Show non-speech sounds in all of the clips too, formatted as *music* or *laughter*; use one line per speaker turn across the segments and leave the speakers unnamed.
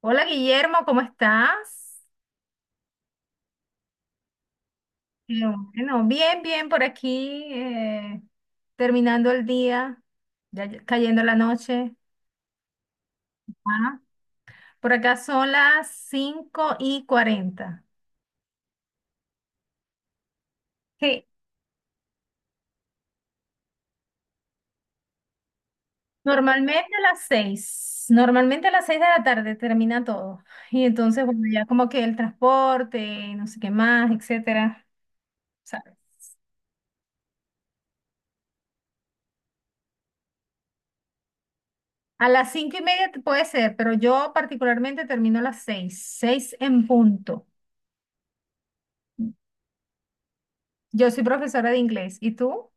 Hola Guillermo, ¿cómo estás? Hello. Bueno, bien, bien por aquí, terminando el día, ya cayendo la noche. Ah, por acá son las 5:40. Sí. Normalmente a las 6. Normalmente a las seis de la tarde termina todo. Y entonces, bueno, ya como que el transporte, no sé qué más, etcétera. ¿Sabes? A las 5:30 puede ser, pero yo particularmente termino a las 6, 6 en punto. Yo soy profesora de inglés. ¿Y tú?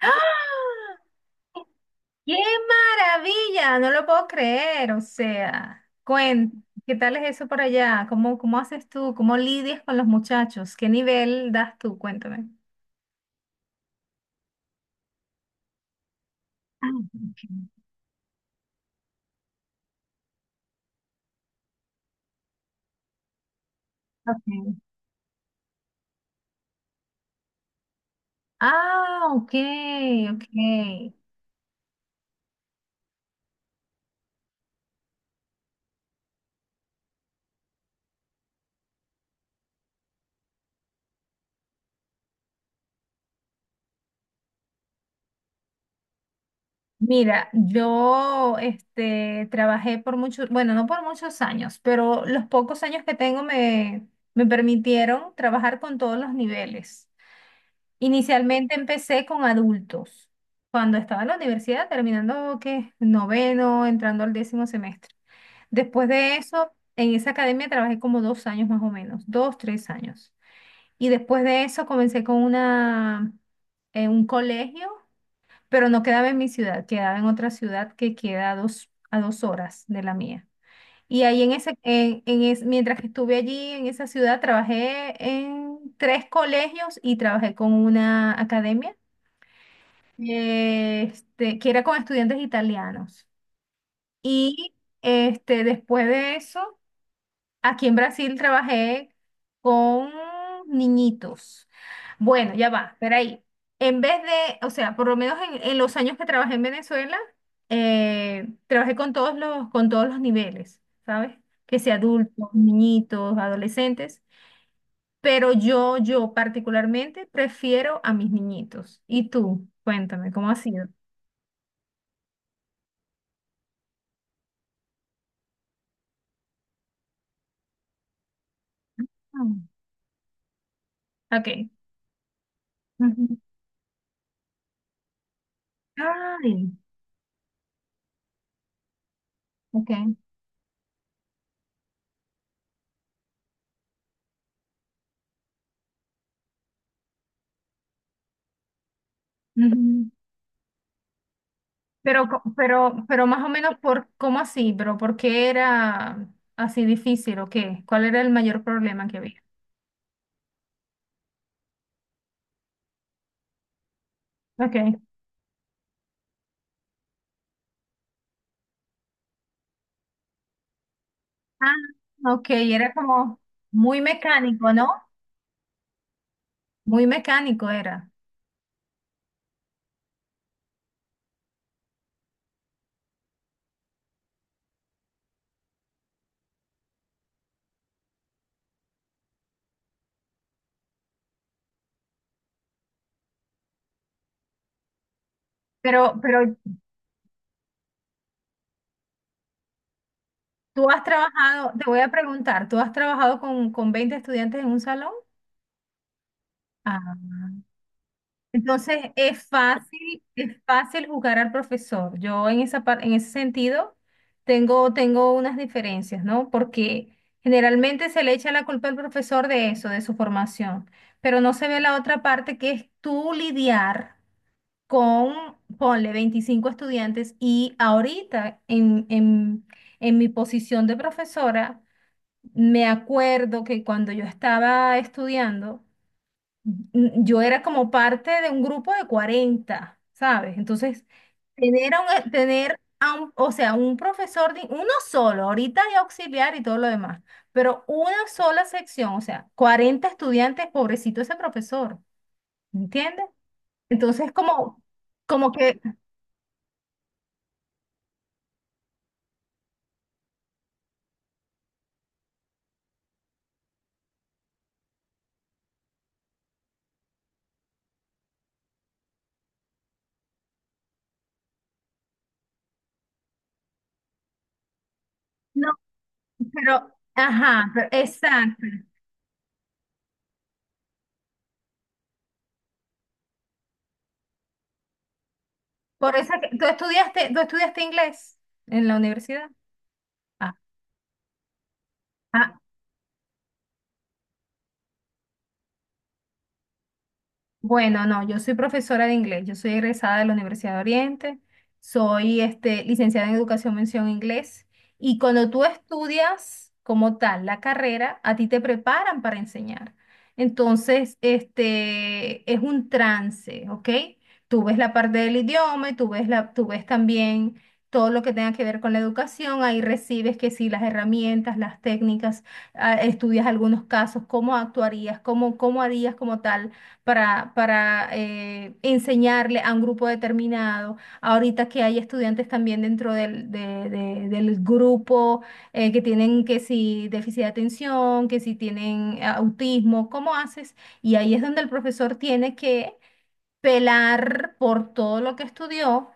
¡Ah! ¡Qué maravilla! No lo puedo creer. O sea, ¿qué tal es eso por allá? ¿Cómo haces tú? ¿Cómo lidias con los muchachos? ¿Qué nivel das tú? Cuéntame. Ah, ok. Ok. Ah, ok, ok. Mira, yo este, trabajé por muchos, bueno, no por muchos años, pero los pocos años que tengo me permitieron trabajar con todos los niveles. Inicialmente empecé con adultos, cuando estaba en la universidad, terminando que noveno, entrando al décimo semestre. Después de eso, en esa academia trabajé como 2 años más o menos, dos, tres años. Y después de eso comencé con una, en un colegio, pero no quedaba en mi ciudad, quedaba en otra ciudad que queda a dos, a 2 horas de la mía. Y ahí en ese, en es- mientras que estuve allí en esa ciudad, trabajé en tres colegios y trabajé con una academia este, que era con estudiantes italianos. Y este, después de eso, aquí en Brasil trabajé con niñitos. Bueno, ya va, espera ahí. En vez de, o sea, por lo menos en los años que trabajé en Venezuela, trabajé con con todos los niveles, ¿sabes? Que sea adultos, niñitos, adolescentes. Pero yo particularmente prefiero a mis niñitos. ¿Y tú? Cuéntame, ¿cómo ha sido? Okay. Ujú. Ay, okay. Ujú. Pero más o menos por, ¿cómo así? ¿Pero por qué era así difícil o qué? ¿Cuál era el mayor problema que había? Okay. Ah, ok, era como muy mecánico, ¿no? Muy mecánico era. Pero tú has trabajado, te voy a preguntar, ¿tú has trabajado con 20 estudiantes en un salón? Ah. Entonces es fácil juzgar al profesor. Yo en esa en ese sentido tengo unas diferencias, ¿no? Porque generalmente se le echa la culpa al profesor de eso, de su formación, pero no se ve la otra parte que es tú lidiar con, ponle, 25 estudiantes y ahorita en mi posición de profesora, me acuerdo que cuando yo estaba estudiando, yo era como parte de un grupo de 40, ¿sabes? Entonces, tener a un- o sea, un profesor, uno solo, ahorita de auxiliar y todo lo demás, pero una sola sección, o sea, 40 estudiantes, pobrecito ese profesor, ¿entiendes? Entonces, como que, no, exacto. Por eso, es ¿tú estudiaste inglés en la universidad? Ah. Ah, bueno, no, yo soy profesora de inglés, yo soy egresada de la Universidad de Oriente, soy este, licenciada en Educación Mención Inglés y cuando tú estudias como tal la carrera, a ti te preparan para enseñar. Entonces, este, es un trance, ¿ok? Tú ves la parte del idioma y tú ves también todo lo que tenga que ver con la educación, ahí recibes que sí, las herramientas, las técnicas, estudias algunos casos, cómo actuarías, cómo harías como tal para enseñarle a un grupo determinado. Ahorita que hay estudiantes también dentro del grupo que tienen que si déficit de atención, que si tienen autismo, ¿cómo haces? Y ahí es donde el profesor tiene que pelar por todo lo que estudió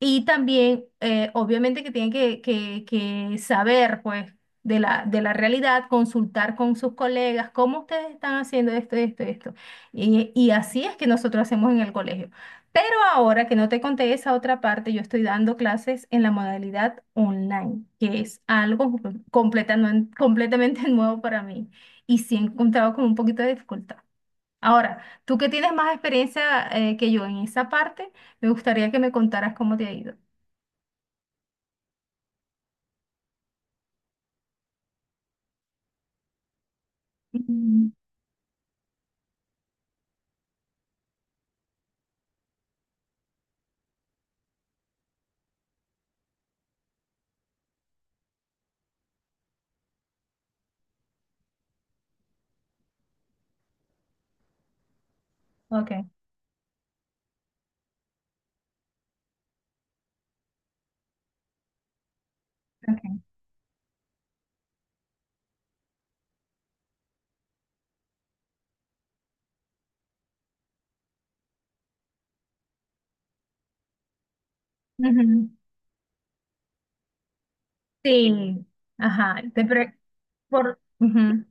y también obviamente que tiene que saber pues de la realidad, consultar con sus colegas cómo ustedes están haciendo esto, esto, esto. Y así es que nosotros hacemos en el colegio. Pero ahora que no te conté esa otra parte, yo estoy dando clases en la modalidad online, que es algo completamente, completamente *laughs* nuevo para mí. Y sí he encontrado con un poquito de dificultad. Ahora, tú que tienes más experiencia que yo en esa parte, me gustaría que me contaras cómo te ha ido. Mm. Ok, ok. Ujú. Sí, ajá. Ujú.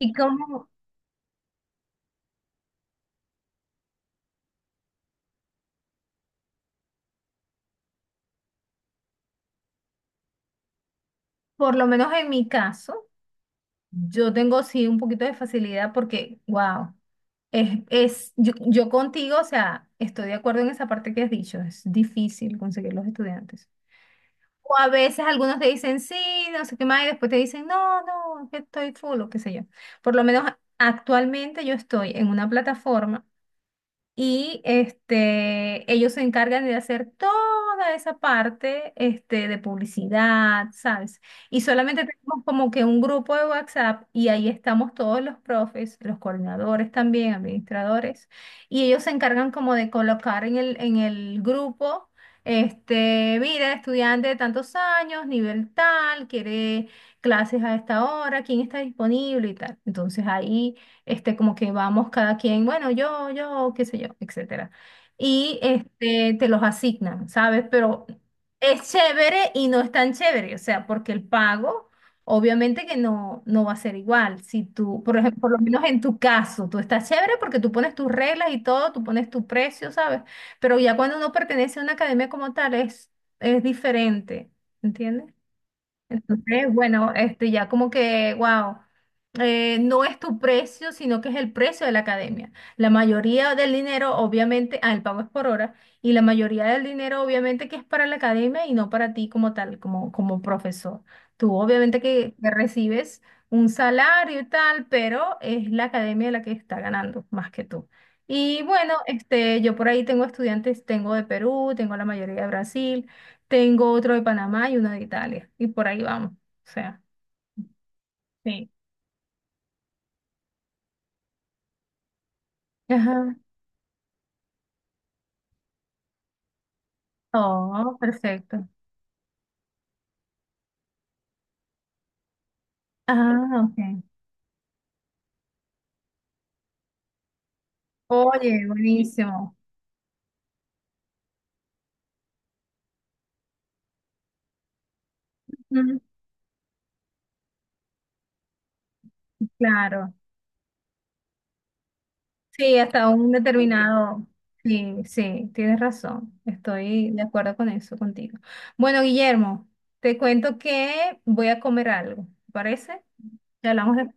Y como, por lo menos en mi caso, yo tengo sí un poquito de facilidad porque, wow, yo contigo, o sea, estoy de acuerdo en esa parte que has dicho, es difícil conseguir los estudiantes. O a veces algunos te dicen sí, no sé qué más, y después te dicen no, no, es que estoy full o qué sé yo. Por lo menos actualmente yo estoy en una plataforma. Y este, ellos se encargan de hacer toda esa parte este, de publicidad, ¿sabes? Y solamente tenemos como que un grupo de WhatsApp y ahí estamos todos los profes, los coordinadores también, administradores, y ellos se encargan como de colocar en el grupo, este, mira, estudiante de tantos años, nivel tal, quiere clases a esta hora, quién está disponible y tal. Entonces ahí este, como que vamos cada quien, bueno, yo, qué sé yo, etcétera. Y este, te los asignan, ¿sabes? Pero es chévere y no es tan chévere, o sea, porque el pago, obviamente que no, no va a ser igual. Si tú, por ejemplo, por lo menos en tu caso, tú estás chévere porque tú pones tus reglas y todo, tú pones tu precio, ¿sabes? Pero ya cuando uno pertenece a una academia como tal, es diferente, ¿entiendes? Entonces, bueno, este ya como que, wow, no es tu precio, sino que es el precio de la academia. La mayoría del dinero, obviamente, el pago es por hora, y la mayoría del dinero, obviamente, que es para la academia y no para ti como tal, como profesor. Tú, obviamente, que recibes un salario y tal, pero es la academia la que está ganando más que tú. Y bueno, este, yo por ahí tengo estudiantes, tengo de Perú, tengo la mayoría de Brasil. Tengo otro de Panamá y uno de Italia. Y por ahí vamos. O sea, sí. Ajá. Oh, perfecto. Ah, ok. Oye, buenísimo. Ujú. Claro. Sí, hasta un determinado. Sí, sí, tienes razón. Estoy de acuerdo con eso contigo. Bueno, Guillermo, te cuento que voy a comer algo. ¿Te parece? Ya hablamos de...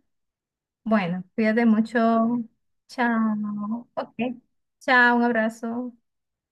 Bueno, cuídate mucho. Chao. Ok. Chao, un abrazo.